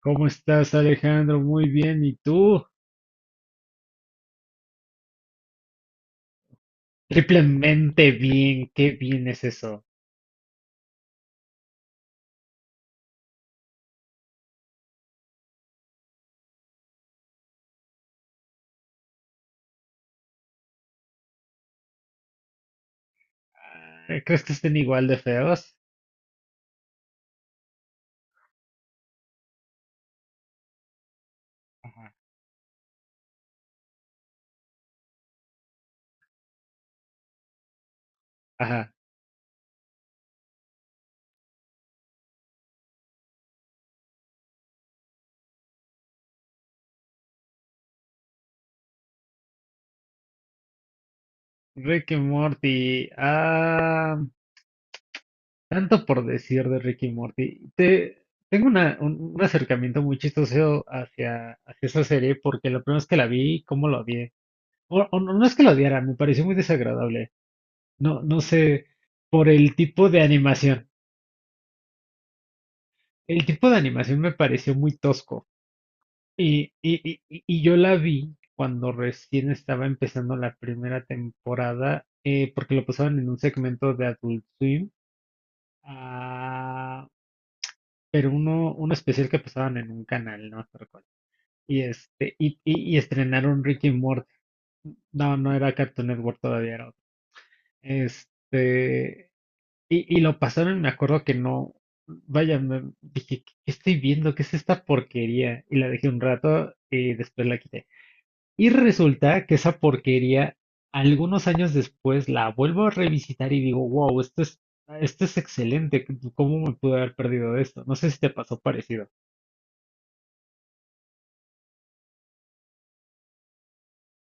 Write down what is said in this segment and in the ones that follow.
¿Cómo estás, Alejandro? Muy bien. ¿Y tú? Triplemente bien. Qué bien es eso. Ay, ¿crees que estén igual de feos? Ajá. Ajá. Rick y Morty. Ah, tanto por decir de Rick y Morty. Tengo un acercamiento muy chistoso hacia esa serie, porque la primera vez que la vi, ¿cómo lo odié? O no, no es que lo odiara, me pareció muy desagradable. No, no sé, por el tipo de animación. El tipo de animación me pareció muy tosco. Y yo la vi cuando recién estaba empezando la primera temporada, porque lo pasaban en un segmento de Adult Swim, ah, pero uno especial que pasaban en un canal, no me acuerdo cuál. Y estrenaron Ricky Morty. No, no era Cartoon Network todavía, era otro. Este, y lo pasaron, me acuerdo que no, vaya, dije, qué estoy viendo? ¿Qué es esta porquería? Y la dejé un rato y después la quité. Y resulta que esa porquería, algunos años después, la vuelvo a revisitar y digo, wow, esto es excelente. ¿Cómo me pude haber perdido de esto? No sé si te pasó parecido.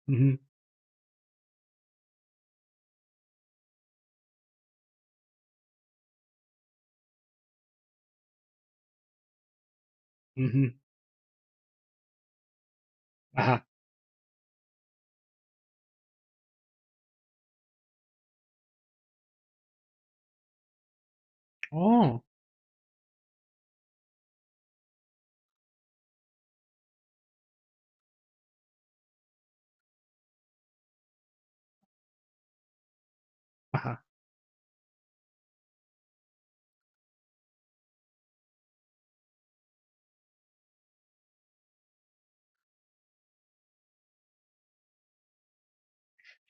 Ujú, ujú. Ajá. Oh, ajá.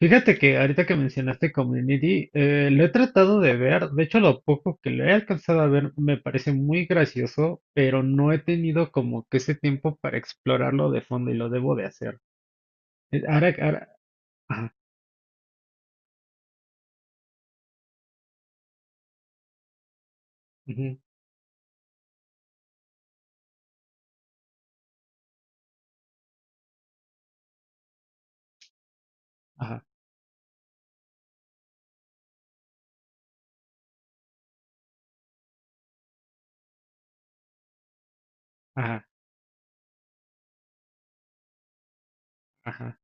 Fíjate que ahorita que mencionaste Community, lo he tratado de ver. De hecho, lo poco que lo he alcanzado a ver me parece muy gracioso, pero no he tenido como que ese tiempo para explorarlo de fondo y lo debo de hacer. Ahora, ajá, ujú, ajá, ajá, ajá.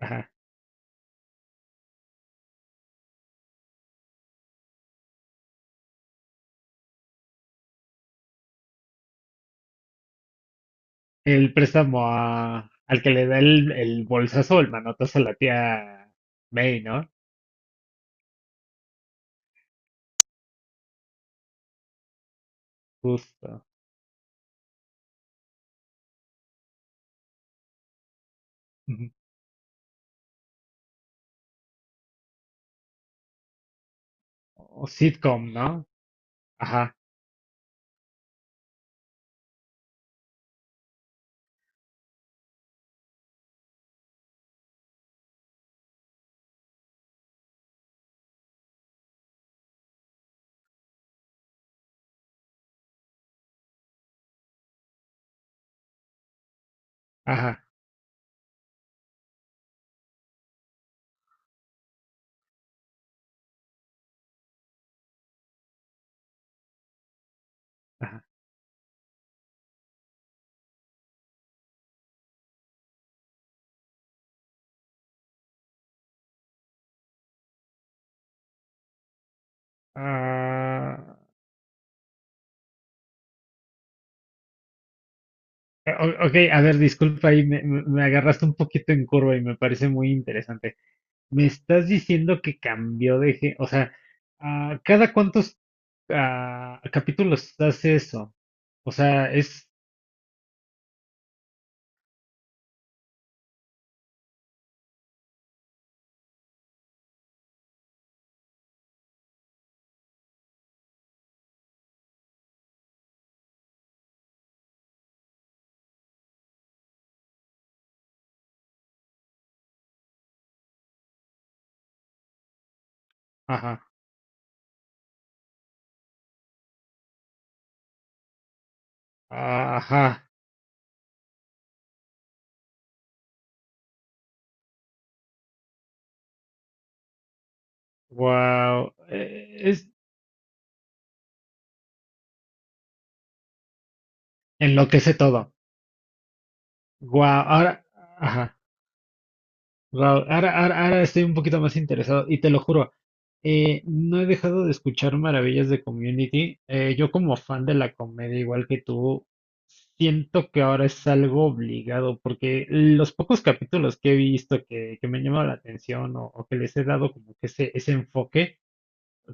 Ajá. El préstamo al que le da el bolsazo, el manotazo a la tía May, ¿no? Justo. Ujú. O sitcom, ¿no? Ajá, ajá, ajá. Ah, ok, a ver, disculpa, ahí me agarraste un poquito en curva y me parece muy interesante. Me estás diciendo que cambió de... O sea, ah, ¿cada cuántos capítulos hace eso? O sea, es... Ajá, ajá. Wow. Enloquece todo. Guau, ahora, ajá, Raúl, ahora ahora estoy un poquito más interesado y te lo juro, no he dejado de escuchar maravillas de Community. Yo, como fan de la comedia, igual que tú, siento que ahora es algo obligado, porque los pocos capítulos que he visto que me han llamado la atención, o que les he dado como que ese enfoque,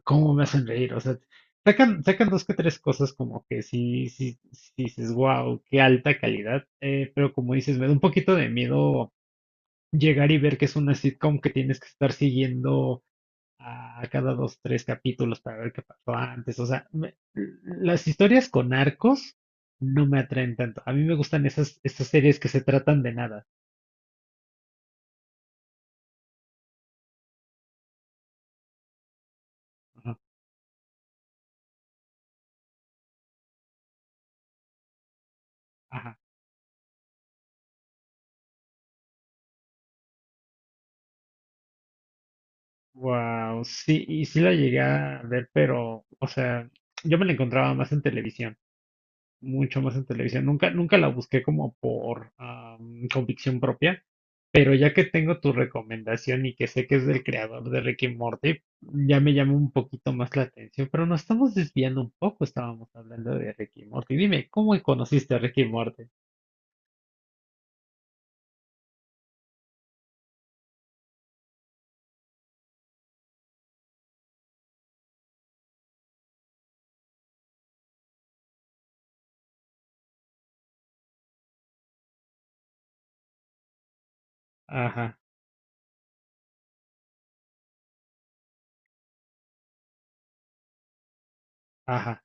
¿cómo me hacen reír? O sea, sacan dos que tres cosas como que sí, sí dices, wow, qué alta calidad. Pero como dices, me da un poquito de miedo llegar y ver que es una sitcom que tienes que estar siguiendo a cada dos, tres capítulos para ver qué pasó antes. O sea, las historias con arcos no me atraen tanto. A mí me gustan esas, esas series que se tratan de nada. Ajá. Ajá. Wow, sí, y sí la llegué a ver, pero, o sea, yo me la encontraba más en televisión. Mucho más en televisión. Nunca, nunca la busqué como por convicción propia, pero ya que tengo tu recomendación y que sé que es del creador de Rick y Morty, ya me llama un poquito más la atención. Pero nos estamos desviando un poco, estábamos hablando de Rick y Morty. Dime, ¿cómo conociste a Rick y Morty? Ajá, ajá.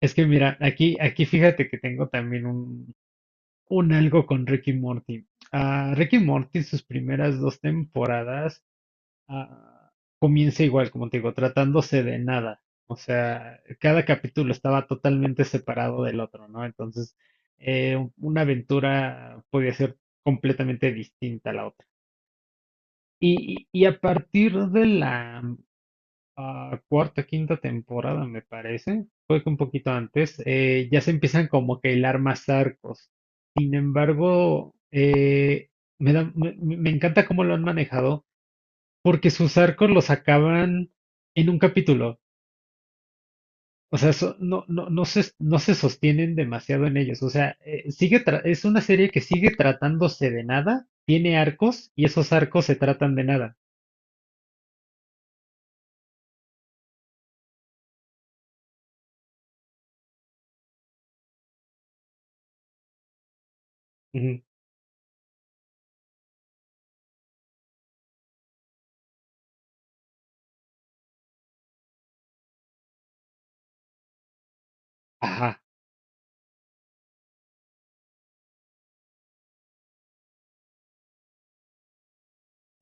Es que mira, aquí fíjate que tengo también un algo con Rick y Morty. A Rick y Morty, sus primeras dos temporadas, ah, comienza igual, como te digo, tratándose de nada. O sea, cada capítulo estaba totalmente separado del otro, ¿no? Entonces, una aventura podía ser completamente distinta a la otra. Y a partir de la cuarta, quinta temporada, me parece, fue que un poquito antes, ya se empiezan como que a hilar más arcos. Sin embargo, me da- me me- me encanta cómo lo han manejado, porque sus arcos los acaban en un capítulo. O sea, no, no, no se sostienen demasiado en ellos. O sea, es una serie que sigue tratándose de nada, tiene arcos y esos arcos se tratan de nada. Ujú. Ajá,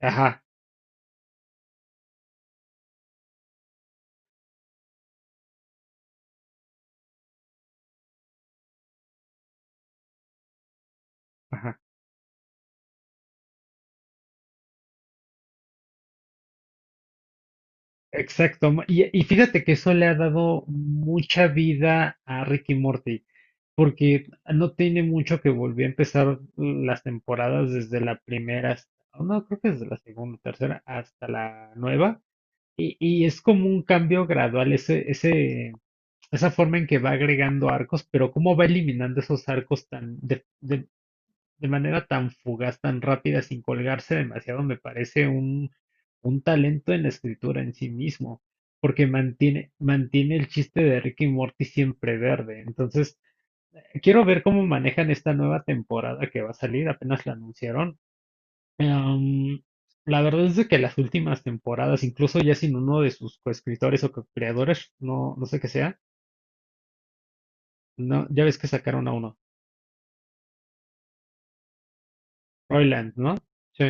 ajá, ajá. Exacto. Y fíjate que eso le ha dado mucha vida a Rick y Morty, porque no tiene mucho que volvió a empezar las temporadas desde la primera, no, creo que desde la segunda, tercera, hasta la nueva. Y es como un cambio gradual, ese, esa forma en que va agregando arcos, pero cómo va eliminando esos arcos de manera tan fugaz, tan rápida, sin colgarse demasiado. Me parece un talento en la escritura en sí mismo, porque mantiene, mantiene el chiste de Rick y Morty siempre verde. Entonces, quiero ver cómo manejan esta nueva temporada que va a salir, apenas la anunciaron. Em, la verdad es de que las últimas temporadas, incluso ya sin uno de sus coescritores o co-creadores, no, no sé qué sea, no, ya ves que sacaron a uno, Roiland, ¿no? Sí.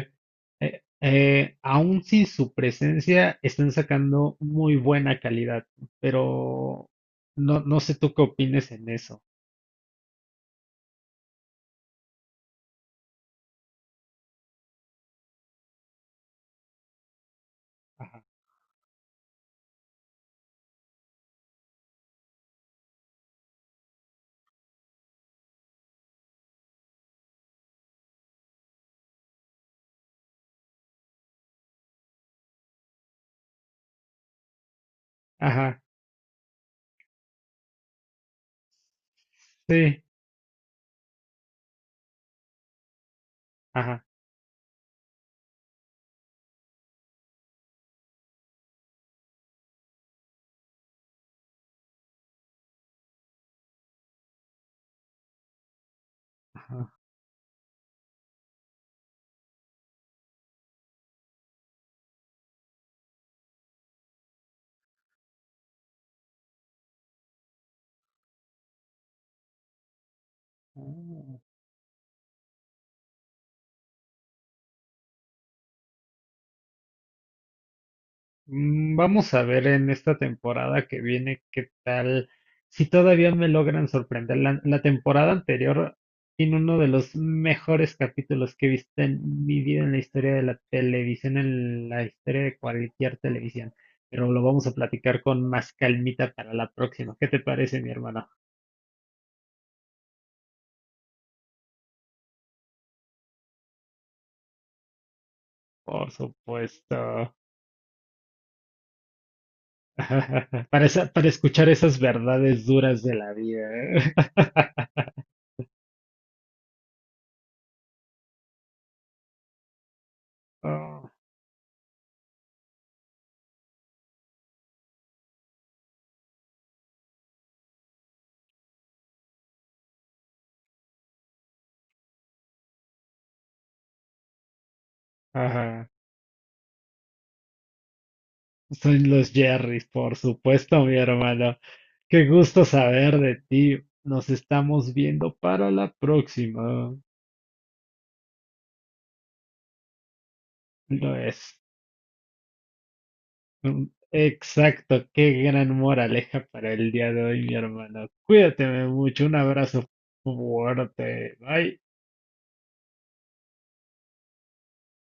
Aún sin su presencia, están sacando muy buena calidad, pero no, no sé tú qué opines en eso. Ajá, ajá, sí, ajá, ajá. Ah. Vamos a ver en esta temporada que viene qué tal, si todavía me logran sorprender. La temporada anterior tiene uno de los mejores capítulos que he visto en mi vida, en la historia de la televisión, en la historia de cualquier televisión. Pero lo vamos a platicar con más calmita para la próxima. ¿Qué te parece, mi hermana? Por supuesto. Para escuchar esas verdades duras de la vida. Oh, ajá. Son los Jerrys, por supuesto, mi hermano. Qué gusto saber de ti. Nos estamos viendo para la próxima. Lo es. Mm, Exacto, qué gran moraleja para el día de hoy, mi hermano. Cuídate mucho, un abrazo fuerte. Bye.